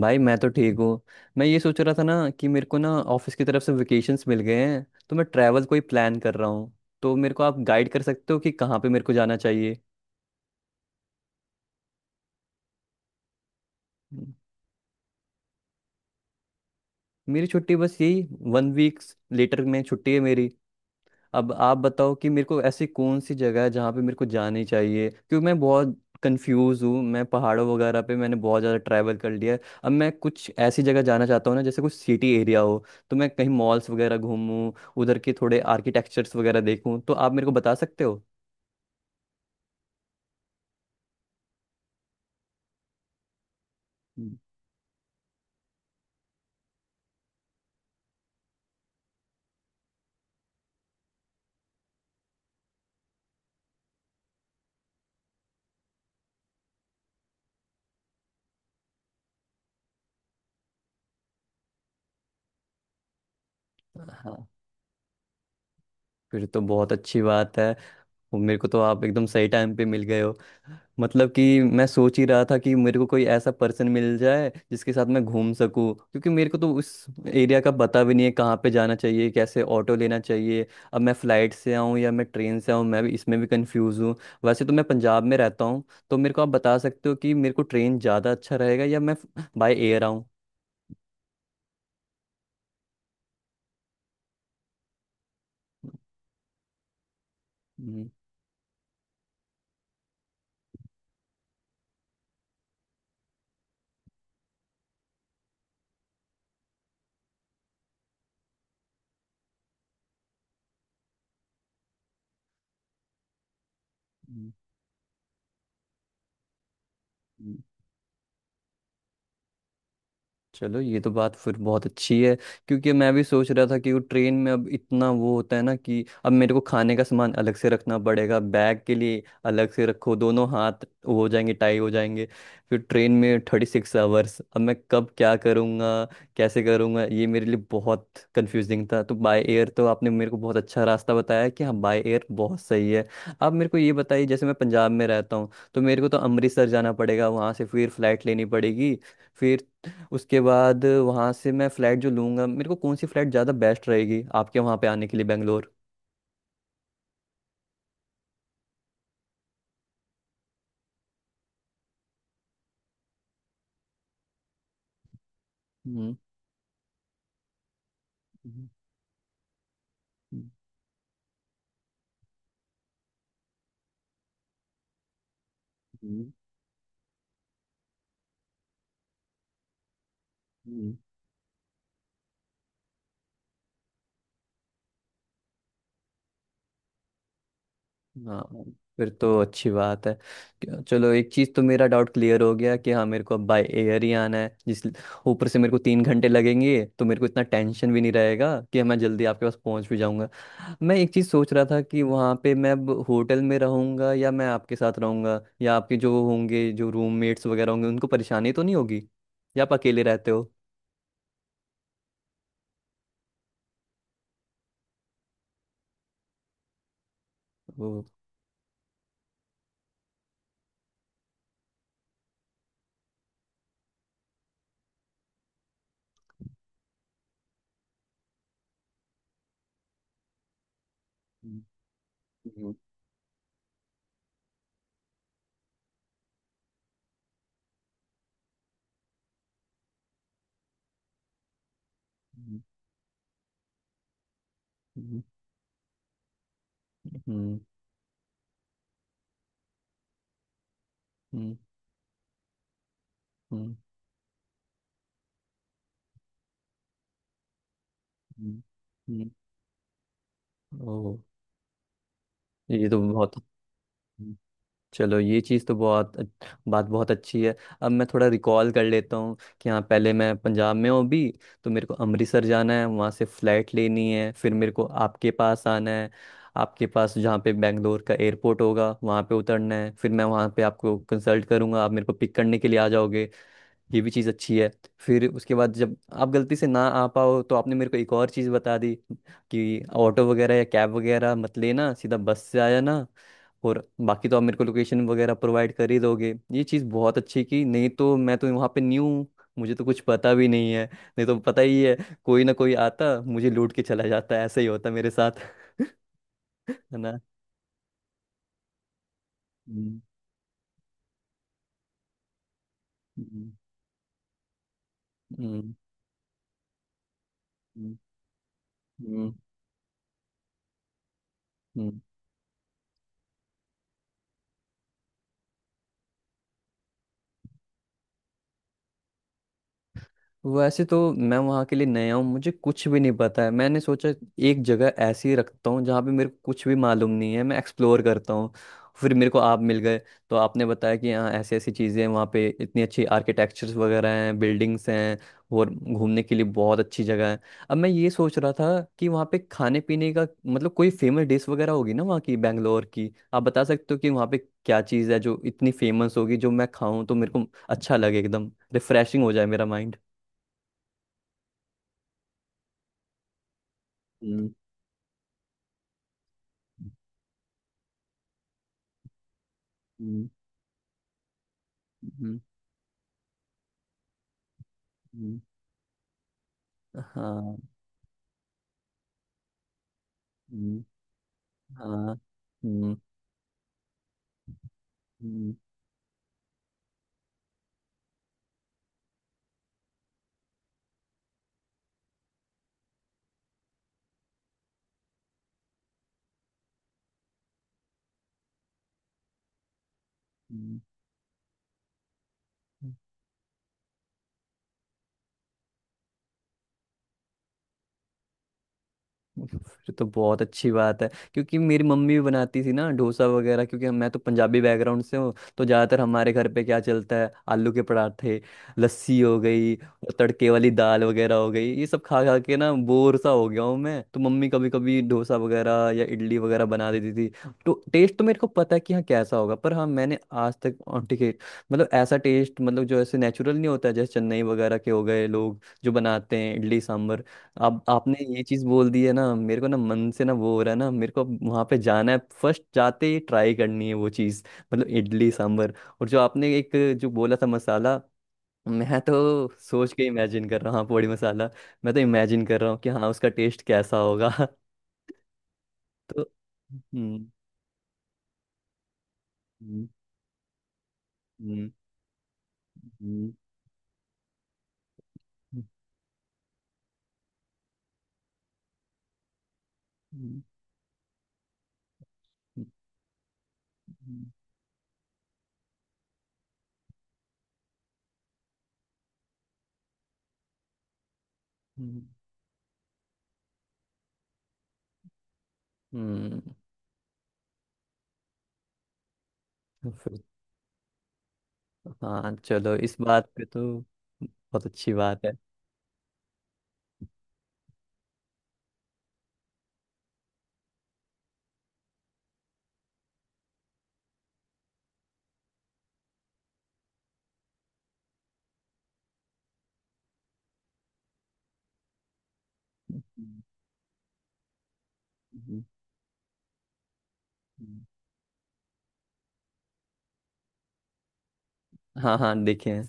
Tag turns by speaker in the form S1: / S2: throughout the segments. S1: भाई मैं तो ठीक हूँ। मैं ये सोच रहा था ना कि मेरे को ना ऑफिस की तरफ से वेकेशंस मिल गए हैं, तो मैं ट्रैवल कोई प्लान कर रहा हूँ। तो मेरे को आप गाइड कर सकते हो कि कहाँ पे मेरे को जाना चाहिए। हम्म। मेरी छुट्टी बस यही 1 वीक्स लेटर में छुट्टी है मेरी। अब आप बताओ कि मेरे को ऐसी कौन सी जगह है जहाँ पे मेरे को जानी चाहिए, क्योंकि मैं बहुत कंफ्यूज हूँ। मैं पहाड़ों वगैरह पे मैंने बहुत ज़्यादा ट्रैवल कर लिया है। अब मैं कुछ ऐसी जगह जाना चाहता हूँ ना, जैसे कुछ सिटी एरिया हो, तो मैं कहीं मॉल्स वगैरह घूमूं, उधर के थोड़े आर्किटेक्चर्स वगैरह देखूं। तो आप मेरे को बता सकते हो। हम्म। हाँ, फिर तो बहुत अच्छी बात है। वो मेरे को तो आप एकदम सही टाइम पे मिल गए हो। मतलब कि मैं सोच ही रहा था कि मेरे को कोई ऐसा पर्सन मिल जाए जिसके साथ मैं घूम सकूं, क्योंकि मेरे को तो उस एरिया का पता भी नहीं है, कहाँ पे जाना चाहिए, कैसे ऑटो लेना चाहिए। अब मैं फ्लाइट से आऊँ या मैं ट्रेन से आऊँ, मैं भी इसमें भी कंफ्यूज हूँ। वैसे तो मैं पंजाब में रहता हूँ। तो मेरे को आप बता सकते हो कि मेरे को ट्रेन ज़्यादा अच्छा रहेगा या मैं बाय एयर आऊँ। हम्म, हम्म, हम्म। चलो, ये तो बात फिर बहुत अच्छी है, क्योंकि मैं भी सोच रहा था कि वो ट्रेन में अब इतना वो होता है ना कि अब मेरे को खाने का सामान अलग से रखना पड़ेगा, बैग के लिए अलग से रखो, दोनों हाथ वो हो जाएंगे, टाई हो जाएंगे। फिर ट्रेन में 36 आवर्स, अब मैं कब क्या करूँगा, कैसे करूँगा, ये मेरे लिए बहुत कंफ्यूजिंग था। तो बाय एयर तो आपने मेरे को बहुत अच्छा रास्ता बताया कि हाँ, बाय एयर बहुत सही है। अब मेरे को ये बताइए, जैसे मैं पंजाब में रहता हूँ तो मेरे को तो अमृतसर जाना पड़ेगा, वहाँ से फिर फ्लाइट लेनी पड़ेगी। फिर उसके बाद वहाँ से मैं फ्लैट जो लूँगा, मेरे को कौन सी फ्लैट ज़्यादा बेस्ट रहेगी आपके वहाँ पे आने के लिए, बेंगलोर। हम्म, हम्म, हम्म, हम्म, हम्म। हाँ, फिर तो अच्छी बात है। चलो, एक चीज़ तो मेरा डाउट क्लियर हो गया कि हाँ, मेरे को अब बाय एयर ही आना है। जिस ऊपर से मेरे को 3 घंटे लगेंगे, तो मेरे को इतना टेंशन भी नहीं रहेगा कि मैं जल्दी आपके पास पहुंच भी जाऊंगा। मैं एक चीज़ सोच रहा था कि वहाँ पे मैं अब होटल में रहूंगा या मैं आपके साथ रहूंगा, या आपके जो होंगे, जो रूममेट्स वगैरह होंगे, उनको परेशानी तो नहीं होगी, या आप अकेले रहते हो। वो- हम्म, हम्म, हम्म, हम्म, हम्म, हम्म, हम्म, हम्म, ओह, ये तो बहुत। चलो, ये चीज़ तो बहुत बात बहुत अच्छी है। अब मैं थोड़ा रिकॉल कर लेता हूँ कि हाँ, पहले मैं पंजाब में हूँ अभी, तो मेरे को अमृतसर जाना है, वहाँ से फ़्लाइट लेनी है, फिर मेरे को आपके पास आना है। आपके पास जहाँ पे बेंगलोर का एयरपोर्ट होगा वहाँ पे उतरना है, फिर मैं वहाँ पे आपको कंसल्ट करूँगा, आप मेरे को पिक करने के लिए आ जाओगे। ये भी चीज़ अच्छी है। फिर उसके बाद, जब आप गलती से ना आ पाओ, तो आपने मेरे को एक और चीज़ बता दी कि ऑटो वगैरह या कैब वगैरह मत लेना, सीधा बस से आ जाना। और बाकी तो आप मेरे को लोकेशन वगैरह प्रोवाइड कर ही दोगे। ये चीज़ बहुत अच्छी की, नहीं तो मैं तो वहाँ पे न्यू हूँ, मुझे तो कुछ पता भी नहीं है। नहीं तो पता ही है, कोई ना कोई आता, मुझे लूट के चला जाता, ऐसे ही होता मेरे साथ। है ना। हम्म, हम्म, हम्म, हम्म, हम्म, हम्म। वैसे तो मैं वहाँ के लिए नया हूँ, मुझे कुछ भी नहीं पता है। मैंने सोचा एक जगह ऐसी ही रखता हूँ जहाँ पे मेरे को कुछ भी मालूम नहीं है, मैं एक्सप्लोर करता हूँ। फिर मेरे को आप मिल गए, तो आपने बताया कि यहाँ ऐसी ऐसी चीज़ें हैं, वहाँ पे इतनी अच्छी आर्किटेक्चर्स वगैरह हैं, बिल्डिंग्स हैं, और घूमने के लिए बहुत अच्छी जगह है। अब मैं ये सोच रहा था कि वहाँ पे खाने पीने का, मतलब कोई फेमस डिश वगैरह होगी ना वहाँ की, बैंगलोर की, आप बता सकते हो कि वहाँ पे क्या चीज़ है जो इतनी फेमस होगी, जो मैं खाऊं तो मेरे को अच्छा लगे, एकदम रिफ्रेशिंग हो जाए मेरा माइंड। हम्म, हम्म, हम्म, हम्म, हाँ, हम्म, हाँ, हम्म, हम्म, हम्म। फिर तो बहुत अच्छी बात है, क्योंकि मेरी मम्मी भी बनाती थी ना डोसा वगैरह, क्योंकि मैं तो पंजाबी बैकग्राउंड से हूँ। तो ज़्यादातर हमारे घर पे क्या चलता है, आलू के पराठे, लस्सी हो गई, और तड़के वाली दाल वगैरह हो गई। ये सब खा खा के ना बोर सा हो गया हूँ मैं तो। मम्मी कभी कभी डोसा वगैरह या इडली वगैरह बना देती थी, तो टेस्ट तो मेरे को पता है कि हाँ, कैसा होगा, पर हाँ, मैंने आज तक और ठीक है, मतलब ऐसा टेस्ट, मतलब जो ऐसे नेचुरल नहीं होता है, जैसे चेन्नई वगैरह के हो गए, लोग जो बनाते हैं इडली सांभर। अब आपने ये चीज बोल दी है ना, मेरे को ना मन से ना वो हो रहा है ना, मेरे को अब वहां पे जाना है, फर्स्ट जाते ही ट्राई करनी है वो चीज, मतलब इडली सांभर। और जो आपने एक जो बोला था मसाला, मैं तो सोच के इमेजिन कर रहा हूँ। हाँ, पोड़ी मसाला। मैं तो इमेजिन कर रहा हूँ कि हाँ, उसका टेस्ट कैसा होगा। तो हम्म, हम्म, हम्म, हम्म, हम्म, हम्म, हम्म, हम्म, हम्म। तो फिर- हाँ, चलो, इस बात पे तो बहुत अच्छी बात है। हम्म, हम्म, हाँ हाँ, देखे हैं।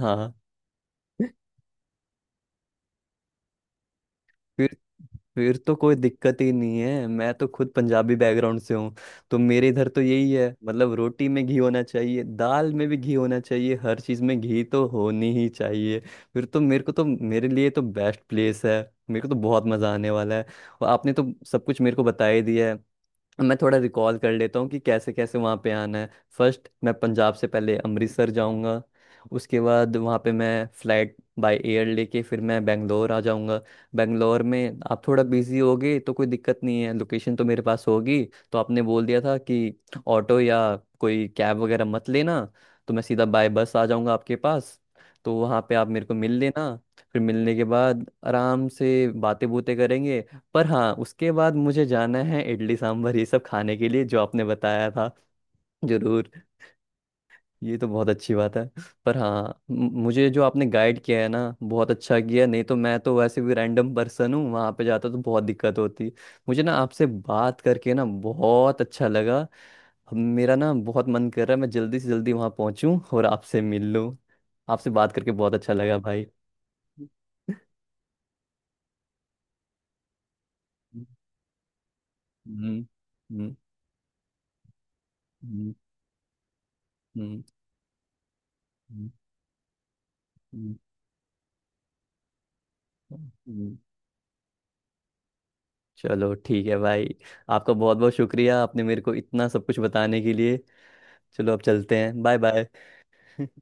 S1: हाँ। फिर फिर तो कोई दिक्कत ही नहीं है, मैं तो खुद पंजाबी बैकग्राउंड से हूँ। तो मेरे इधर तो यही है, मतलब रोटी में घी होना चाहिए, दाल में भी घी होना चाहिए, हर चीज़ में घी तो होनी ही चाहिए। फिर तो मेरे को तो, मेरे लिए तो बेस्ट प्लेस है, मेरे को तो बहुत मज़ा आने वाला है। और आपने तो सब कुछ मेरे को बता ही दिया है। मैं थोड़ा रिकॉल कर लेता हूँ कि कैसे कैसे वहाँ पे आना है। फर्स्ट मैं पंजाब से पहले अमृतसर जाऊँगा, उसके बाद वहाँ पे मैं फ्लाइट बाय एयर लेके फिर मैं बेंगलोर आ जाऊँगा। बेंगलोर में आप थोड़ा बिजी होगे तो कोई दिक्कत नहीं है, लोकेशन तो मेरे पास होगी। तो आपने बोल दिया था कि ऑटो या कोई कैब वगैरह मत लेना, तो मैं सीधा बाय बस आ जाऊँगा आपके पास। तो वहाँ पे आप मेरे को मिल लेना। फिर मिलने के बाद आराम से बातें बूतें करेंगे। पर हाँ, उसके बाद मुझे जाना है इडली सांभर ये सब खाने के लिए, जो आपने बताया था, जरूर। ये तो बहुत अच्छी बात है। पर हाँ, मुझे जो आपने गाइड किया है ना, बहुत अच्छा किया, नहीं तो मैं तो वैसे भी रैंडम पर्सन हूँ, वहाँ पे जाता तो बहुत दिक्कत होती। मुझे ना आपसे बात करके ना बहुत अच्छा लगा। अब मेरा ना बहुत मन कर रहा है, मैं जल्दी से जल्दी वहाँ पहुँचूँ और आपसे मिल लूँ। आपसे बात करके बहुत अच्छा लगा भाई। हम्म, हम्म, हम्म, हम्म, हम्म, हम्म, हम्म, हम्म। चलो, ठीक है भाई, आपका बहुत बहुत शुक्रिया, आपने मेरे को इतना सब कुछ बताने के लिए। चलो, अब चलते हैं, बाय बाय।